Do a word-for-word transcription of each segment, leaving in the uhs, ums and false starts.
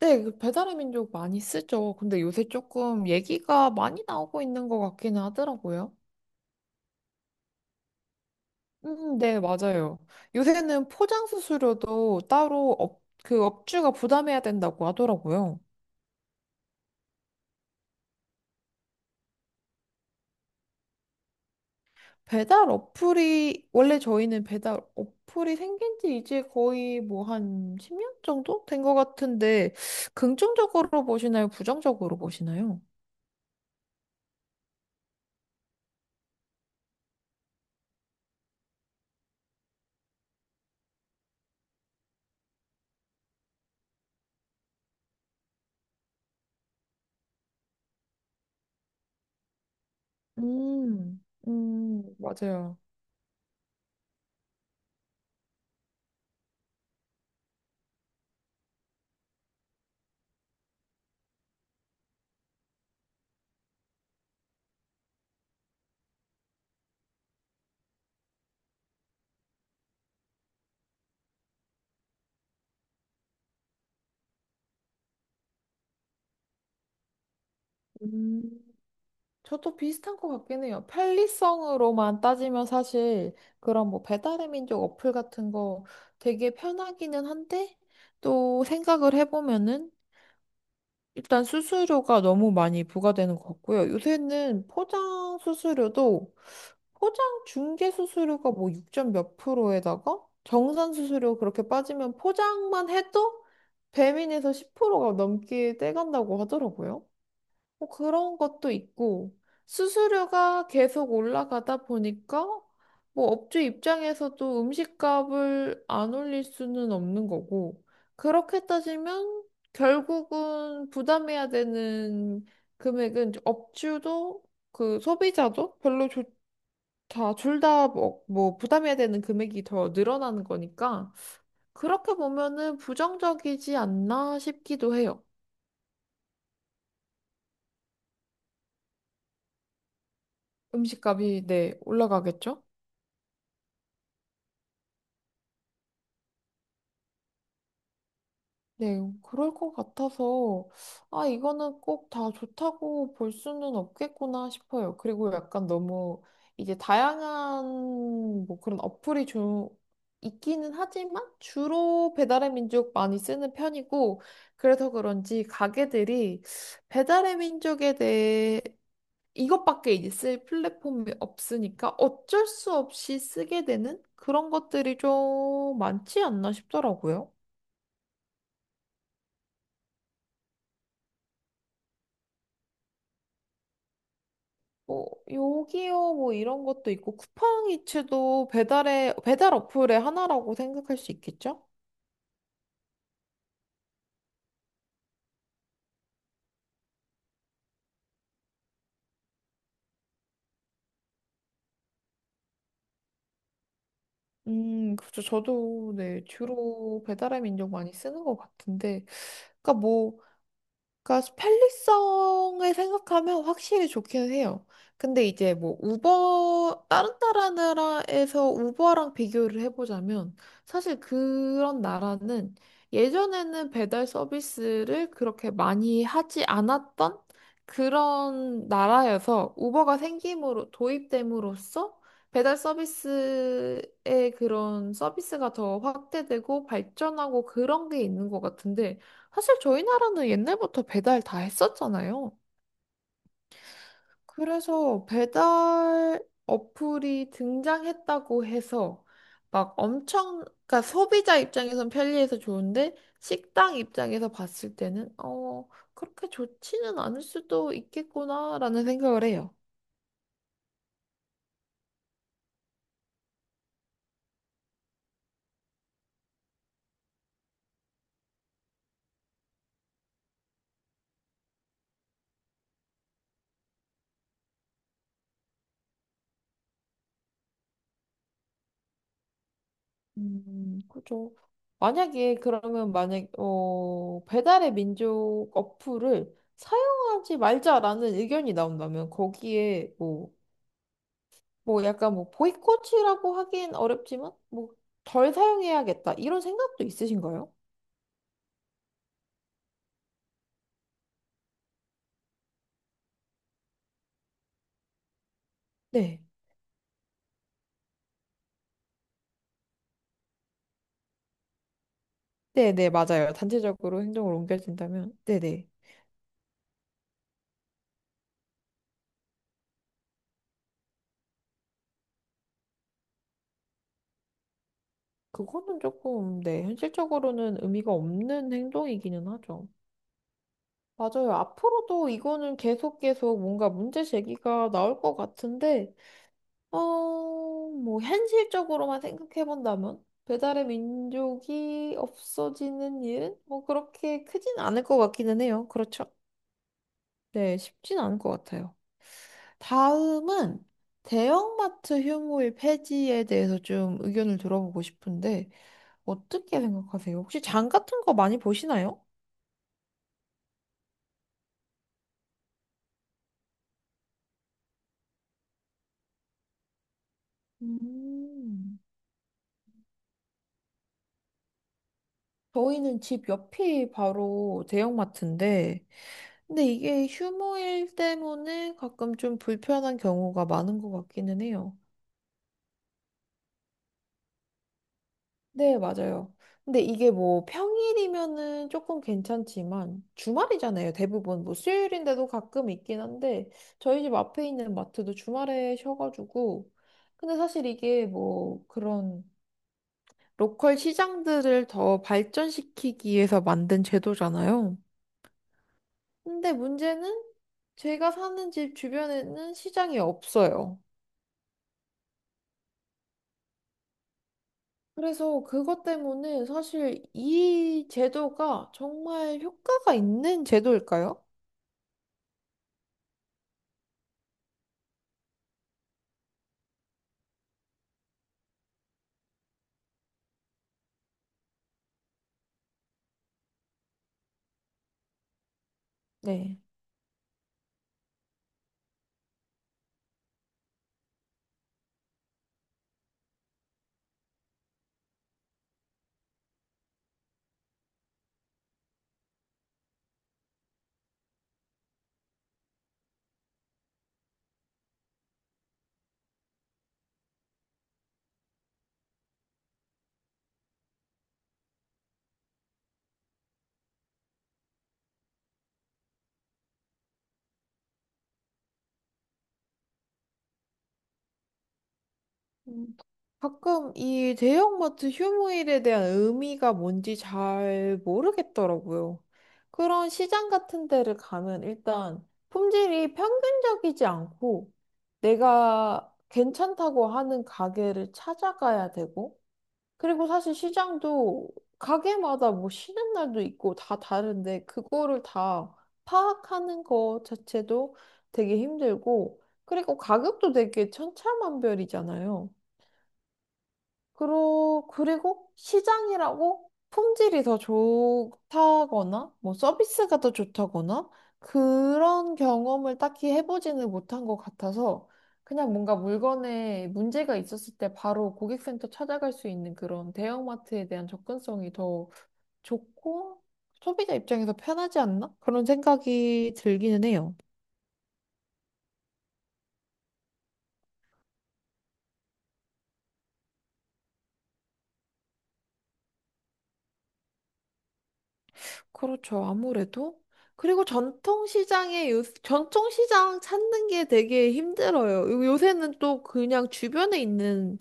네, 그 배달의 민족 많이 쓰죠. 근데 요새 조금 얘기가 많이 나오고 있는 것 같기는 하더라고요. 음, 네, 맞아요. 요새는 포장 수수료도 따로 업, 그 업주가 부담해야 된다고 하더라고요. 배달 어플이, 원래 저희는 배달 어플이 생긴 지 이제 거의 뭐 한 십 년 정도 된 것 같은데, 긍정적으로 보시나요? 부정적으로 보시나요? 음, 음, 맞아요. 음. 저도 비슷한 것 같긴 해요. 편리성으로만 따지면 사실 그런 뭐 배달의 민족 어플 같은 거 되게 편하기는 한데 또 생각을 해보면은 일단 수수료가 너무 많이 부과되는 것 같고요. 요새는 포장 수수료도 포장 중개 수수료가 뭐 육 점 몇 프로에다가 정산 수수료 그렇게 빠지면 포장만 해도 배민에서 십 프로가 넘게 떼간다고 하더라고요. 뭐 그런 것도 있고, 수수료가 계속 올라가다 보니까, 뭐 업주 입장에서도 음식값을 안 올릴 수는 없는 거고, 그렇게 따지면 결국은 부담해야 되는 금액은 업주도 그 소비자도 별로 좋 다, 둘 다, 뭐, 뭐, 부담해야 되는 금액이 더 늘어나는 거니까, 그렇게 보면은 부정적이지 않나 싶기도 해요. 음식값이, 네, 올라가겠죠? 네, 그럴 것 같아서, 아, 이거는 꼭 다 좋다고 볼 수는 없겠구나 싶어요. 그리고 약간 너무 이제 다양한 뭐 그런 어플이 좀 있기는 하지만 주로 배달의 민족 많이 쓰는 편이고, 그래서 그런지 가게들이 배달의 민족에 대해 이것밖에 이제 쓸 플랫폼이 없으니까 어쩔 수 없이 쓰게 되는 그런 것들이 좀 많지 않나 싶더라고요. 뭐 요기요 뭐 이런 것도 있고 쿠팡이츠도 배달의 배달 어플의 하나라고 생각할 수 있겠죠? 음, 그렇죠. 저도 네 주로 배달의 민족 많이 쓰는 것 같은데, 그러니까 뭐 그러니까 편리성을 생각하면 확실히 좋기는 해요. 근데 이제 뭐 우버 다른 나라에서 우버랑 비교를 해보자면 사실 그런 나라는 예전에는 배달 서비스를 그렇게 많이 하지 않았던 그런 나라여서 우버가 생김으로 도입됨으로써 배달 서비스의 그런 서비스가 더 확대되고 발전하고 그런 게 있는 것 같은데 사실 저희 나라는 옛날부터 배달 다 했었잖아요. 그래서 배달 어플이 등장했다고 해서 막 엄청, 그러니까 소비자 입장에선 편리해서 좋은데 식당 입장에서 봤을 때는 어, 그렇게 좋지는 않을 수도 있겠구나라는 생각을 해요. 음, 그죠. 만약에 그러면 만약 어, 배달의 민족 어플을 사용하지 말자라는 의견이 나온다면 거기에 뭐 뭐 약간 뭐 보이콧이라고 하긴 어렵지만 뭐 덜 사용해야겠다 이런 생각도 있으신가요? 네. 네네, 맞아요. 단체적으로 행동을 옮겨진다면. 네네. 그거는 조금, 네, 현실적으로는 의미가 없는 행동이기는 하죠. 맞아요. 앞으로도 이거는 계속 계속 뭔가 문제 제기가 나올 것 같은데, 어, 뭐, 현실적으로만 생각해본다면, 배달의 민족이 없어지는 일은 뭐 그렇게 크진 않을 것 같기는 해요. 그렇죠? 네, 쉽진 않을 것 같아요. 다음은 대형마트 휴무일 폐지에 대해서 좀 의견을 들어보고 싶은데, 어떻게 생각하세요? 혹시 장 같은 거 많이 보시나요? 음. 저희는 집 옆이 바로 대형마트인데, 근데 이게 휴무일 때문에 가끔 좀 불편한 경우가 많은 것 같기는 해요. 네, 맞아요. 근데 이게 뭐 평일이면은 조금 괜찮지만 주말이잖아요. 대부분 뭐 수요일인데도 가끔 있긴 한데 저희 집 앞에 있는 마트도 주말에 쉬어가지고 근데 사실 이게 뭐 그런 로컬 시장들을 더 발전시키기 위해서 만든 제도잖아요. 근데 문제는 제가 사는 집 주변에는 시장이 없어요. 그래서 그것 때문에 사실 이 제도가 정말 효과가 있는 제도일까요? 네. 음, 가끔 이 대형마트 휴무일에 대한 의미가 뭔지 잘 모르겠더라고요. 그런 시장 같은 데를 가면 일단 품질이 평균적이지 않고 내가 괜찮다고 하는 가게를 찾아가야 되고 그리고 사실 시장도 가게마다 뭐 쉬는 날도 있고 다 다른데 그거를 다 파악하는 거 자체도 되게 힘들고 그리고 가격도 되게 천차만별이잖아요. 그러, 그리고 시장이라고 품질이 더 좋다거나, 뭐 서비스가 더 좋다거나, 그런 경험을 딱히 해보지는 못한 것 같아서, 그냥 뭔가 물건에 문제가 있었을 때 바로 고객센터 찾아갈 수 있는 그런 대형마트에 대한 접근성이 더 좋고, 소비자 입장에서 편하지 않나? 그런 생각이 들기는 해요. 그렇죠. 아무래도. 그리고 전통시장에, 요, 전통시장 찾는 게 되게 힘들어요. 요- 요새는 또 그냥 주변에 있는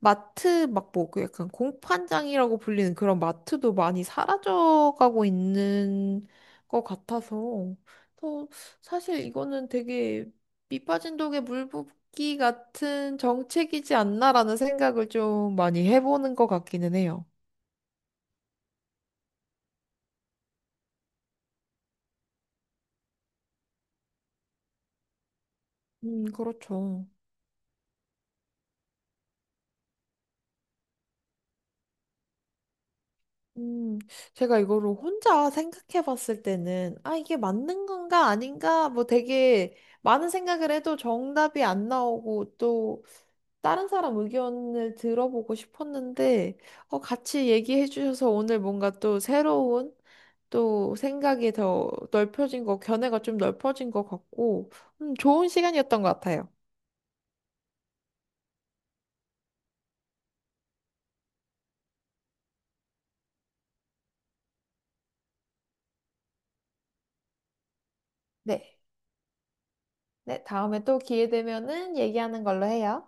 마트, 막 뭐, 그 약간 공판장이라고 불리는 그런 마트도 많이 사라져가고 있는 것 같아서. 또 사실 이거는 되게 밑 빠진 독에 물 붓기 같은 정책이지 않나라는 생각을 좀 많이 해보는 것 같기는 해요. 음, 그렇죠. 음, 제가 이거를 혼자 생각해 봤을 때는, 아, 이게 맞는 건가 아닌가? 뭐 되게 많은 생각을 해도 정답이 안 나오고 또 다른 사람 의견을 들어보고 싶었는데, 어, 같이 얘기해 주셔서 오늘 뭔가 또 새로운 또 생각이 더 넓혀진 거, 견해가 좀 넓혀진 것 같고, 음, 좋은 시간이었던 것 같아요. 네. 네, 다음에 또 기회 되면은 얘기하는 걸로 해요.